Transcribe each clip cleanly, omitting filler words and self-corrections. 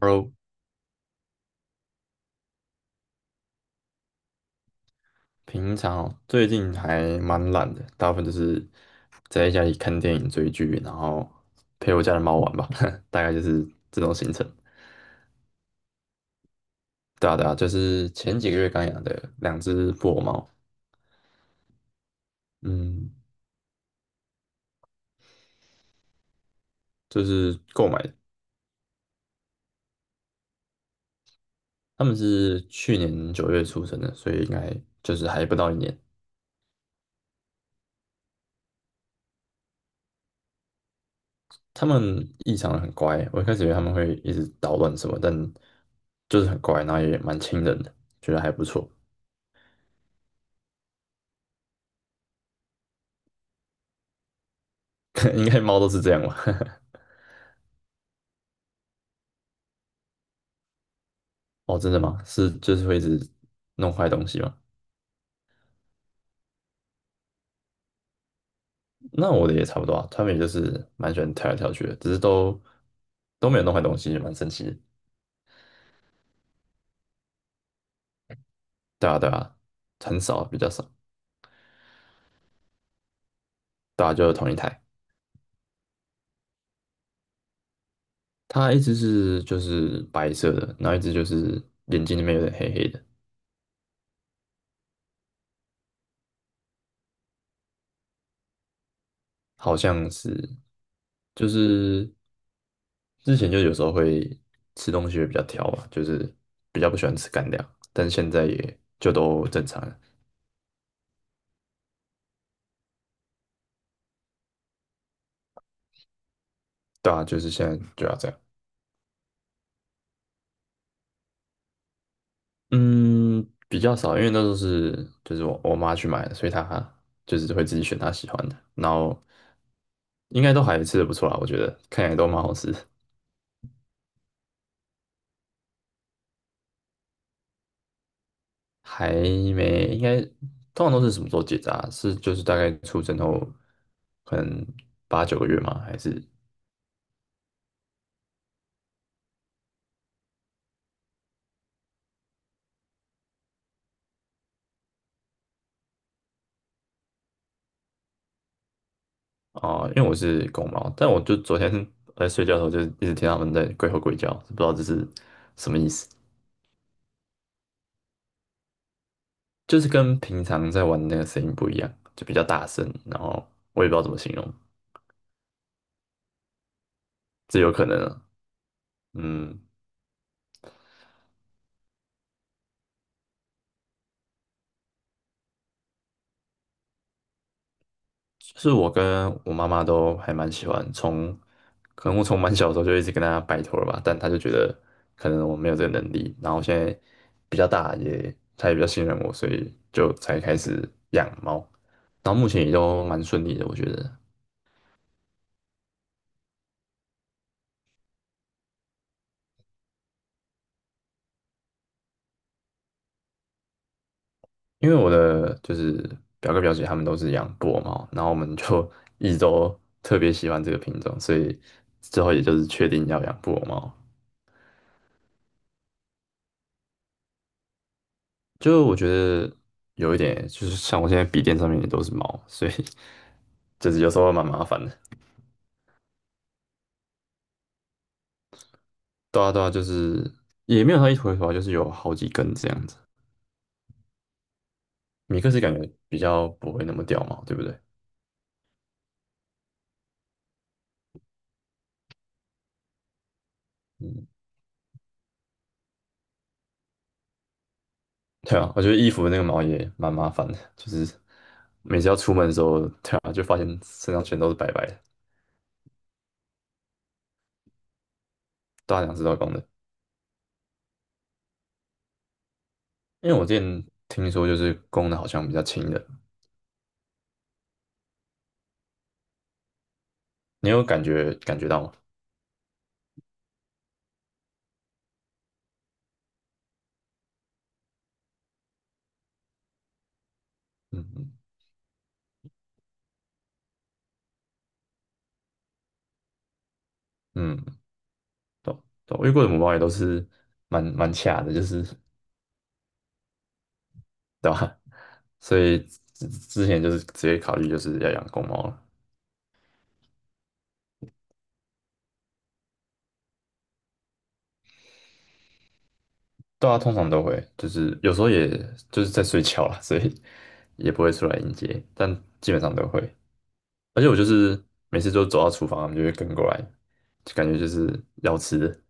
Hello，平常哦最近还蛮懒的，大部分就是宅在家里看电影、追剧，然后陪我家的猫玩吧，大概就是这种行程。对啊，对啊，就是前几个月刚养的两只布偶猫。嗯，就是购买的。它们是去年9月出生的，所以应该就是还不到1年。它们异常的很乖，我一开始以为它们会一直捣乱什么，但就是很乖，然后也蛮亲人的，觉得还不错。应该猫都是这样吧。哦，真的吗？是就是会一直弄坏东西吗？那我的也差不多啊，他们也就是蛮喜欢跳来跳去的，只是都没有弄坏东西，也蛮神奇的。对啊，对啊，很少，比较少。大家就是同一台。它一只是就是白色的，然后一只就是眼睛里面有点黑黑的，好像是。就是之前就有时候会吃东西会比较挑吧，就是比较不喜欢吃干粮，但是现在也就都正常了。对啊，就是现在就要这样。嗯，比较少，因为那都是就是我妈去买的，所以她就是会自己选她喜欢的，然后应该都还吃的不错啦，我觉得看起来都蛮好吃的。还没。应该通常都是什么时候结扎啊？是就是大概出生后可能8、9个月吗？还是啊、因为我是公猫，但我就昨天在睡觉的时候就一直听他们在鬼吼鬼叫，不知道这是什么意思。就是跟平常在玩的那个声音不一样，就比较大声，然后我也不知道怎么形容，这有可能啊。嗯，是我跟我妈妈都还蛮喜欢，从可能我从蛮小的时候就一直跟她拜托了吧，但她就觉得可能我没有这个能力，然后现在比较大也，她也比较信任我，所以就才开始养猫，然后目前也都蛮顺利的，我觉得。因为我的就是表哥表姐他们都是养布偶猫，然后我们就 一直都特别喜欢这个品种，所以之后也就是确定要养布偶猫。就我觉得有一点，就是像我现在笔电上面也都是毛，所以 就是有时候蛮麻烦的。对啊，对啊，就是也没有它一坨一坨啊就是有好几根这样子。米克斯感觉比较不会那么掉毛，对不对？嗯，对啊，我觉得衣服的那个毛也蛮麻烦的，就是每次要出门的时候，对啊，就发现身上全都是白白的。大两只都是公的。因为我之前听说，就是公的好像比较轻的，你有感觉感觉到吗？嗯嗯。嗯，对，我遇过的母猫也都是蛮卡的，就是对吧？所以之前就是直接考虑就是要养公猫了。对啊，通常都会，就是有时候也就是在睡觉啦，所以也不会出来迎接，但基本上都会。而且我就是每次都走到厨房，他们就会跟过来，就感觉就是要吃的。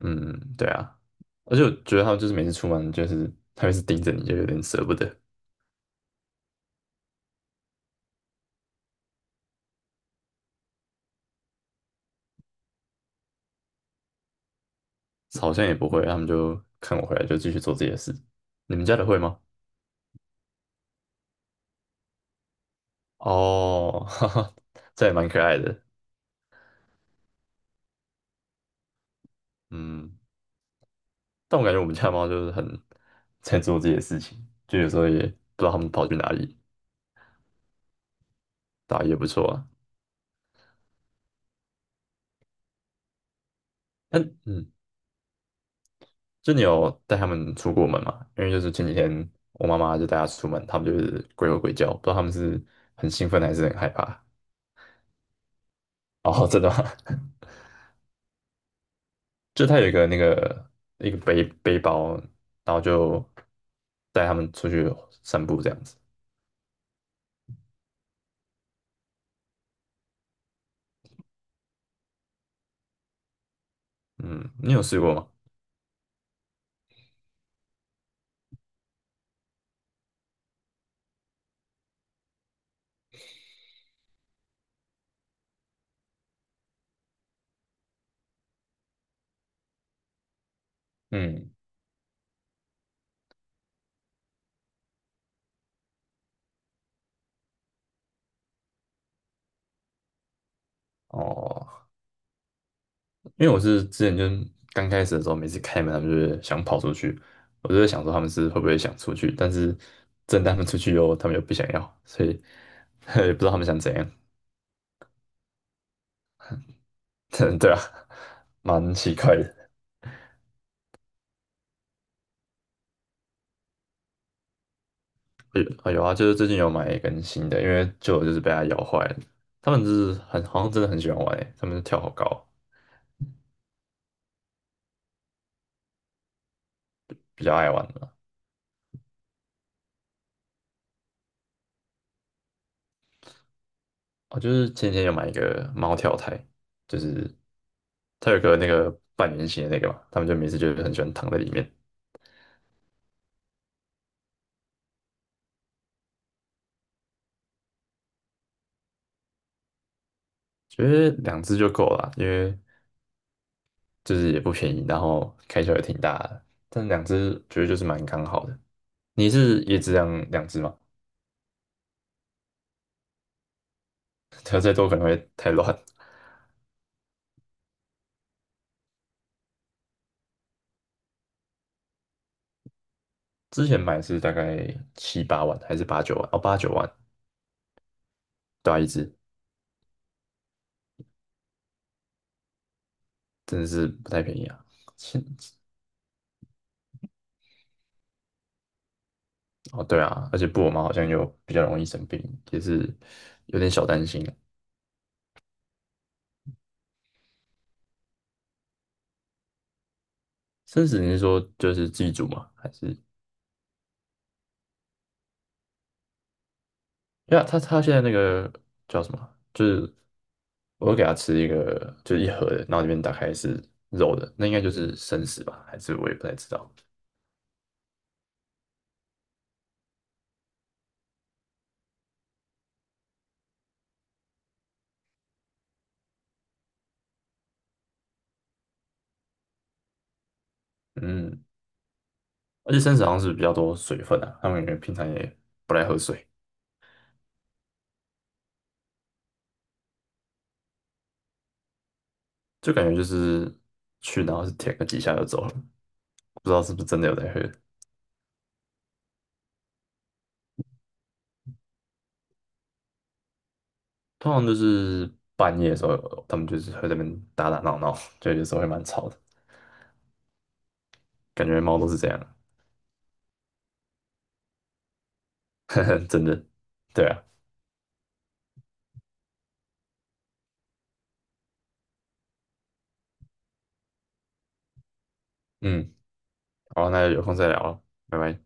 嗯，对啊。而且我觉得他们就是每次出门，就是他们是盯着你，就有点舍不得。好像也不会，他们就看我回来就继续做自己的事。你们家的会吗？哦，哈哈，这也蛮可爱的。嗯，但我感觉我们家的猫就是很在做自己的事情，就有时候也不知道它们跑去哪里，打也不错啊。嗯嗯，就你有带它们出过门吗？因为就是前几天我妈妈就带它出门，它们就是鬼吼鬼叫，不知道它们是很兴奋还是很害怕。哦，真的吗？就它有一个那个一个背背包，然后就带它们出去散步这样子。嗯，你有试过吗？嗯，哦。因为我是之前就是刚开始的时候，每次开门他们就是想跑出去，我就在想说他们是会不会想出去，但是真的他们出去以后，他们又不想要，所以 也不知道他们想怎样。对啊，蛮奇怪的。有有啊，就是最近有买一根新的，因为旧的就是被它咬坏了。他们就是很好像真的很喜欢玩诶，他们跳好高，比较爱玩嘛。哦，就是前几天有买一个猫跳台，就是它有个那个半圆形的那个嘛，他们就每次就是很喜欢躺在里面。觉得两只就够了，因为就是也不便宜，然后开销也挺大的，但两只觉得就是蛮刚好的。你是也只养两只吗？它再多可能会太乱。之前买是大概7、8万还是八九万？哦，八九万，对啊，一只真的是不太便宜啊。现哦，对啊，而且布偶猫好像又比较容易生病，也是有点小担心啊。生死你是说就是自己煮吗？还是？因为他现在那个叫什么？就是我会给他吃一个，就是一盒的，然后里面打开是肉的，那应该就是生食吧？还是我也不太知道。嗯，而且生食好像是比较多水分啊，他们感觉平常也不太喝水，就感觉就是去然后是舔个几下就走了，不知道是不是真的有在喝。通常都是半夜的时候，他们就是会在那边打打闹闹，就有时候会蛮吵的，感觉猫都是这样，真的。对啊，嗯，好，那有空再聊了，拜拜。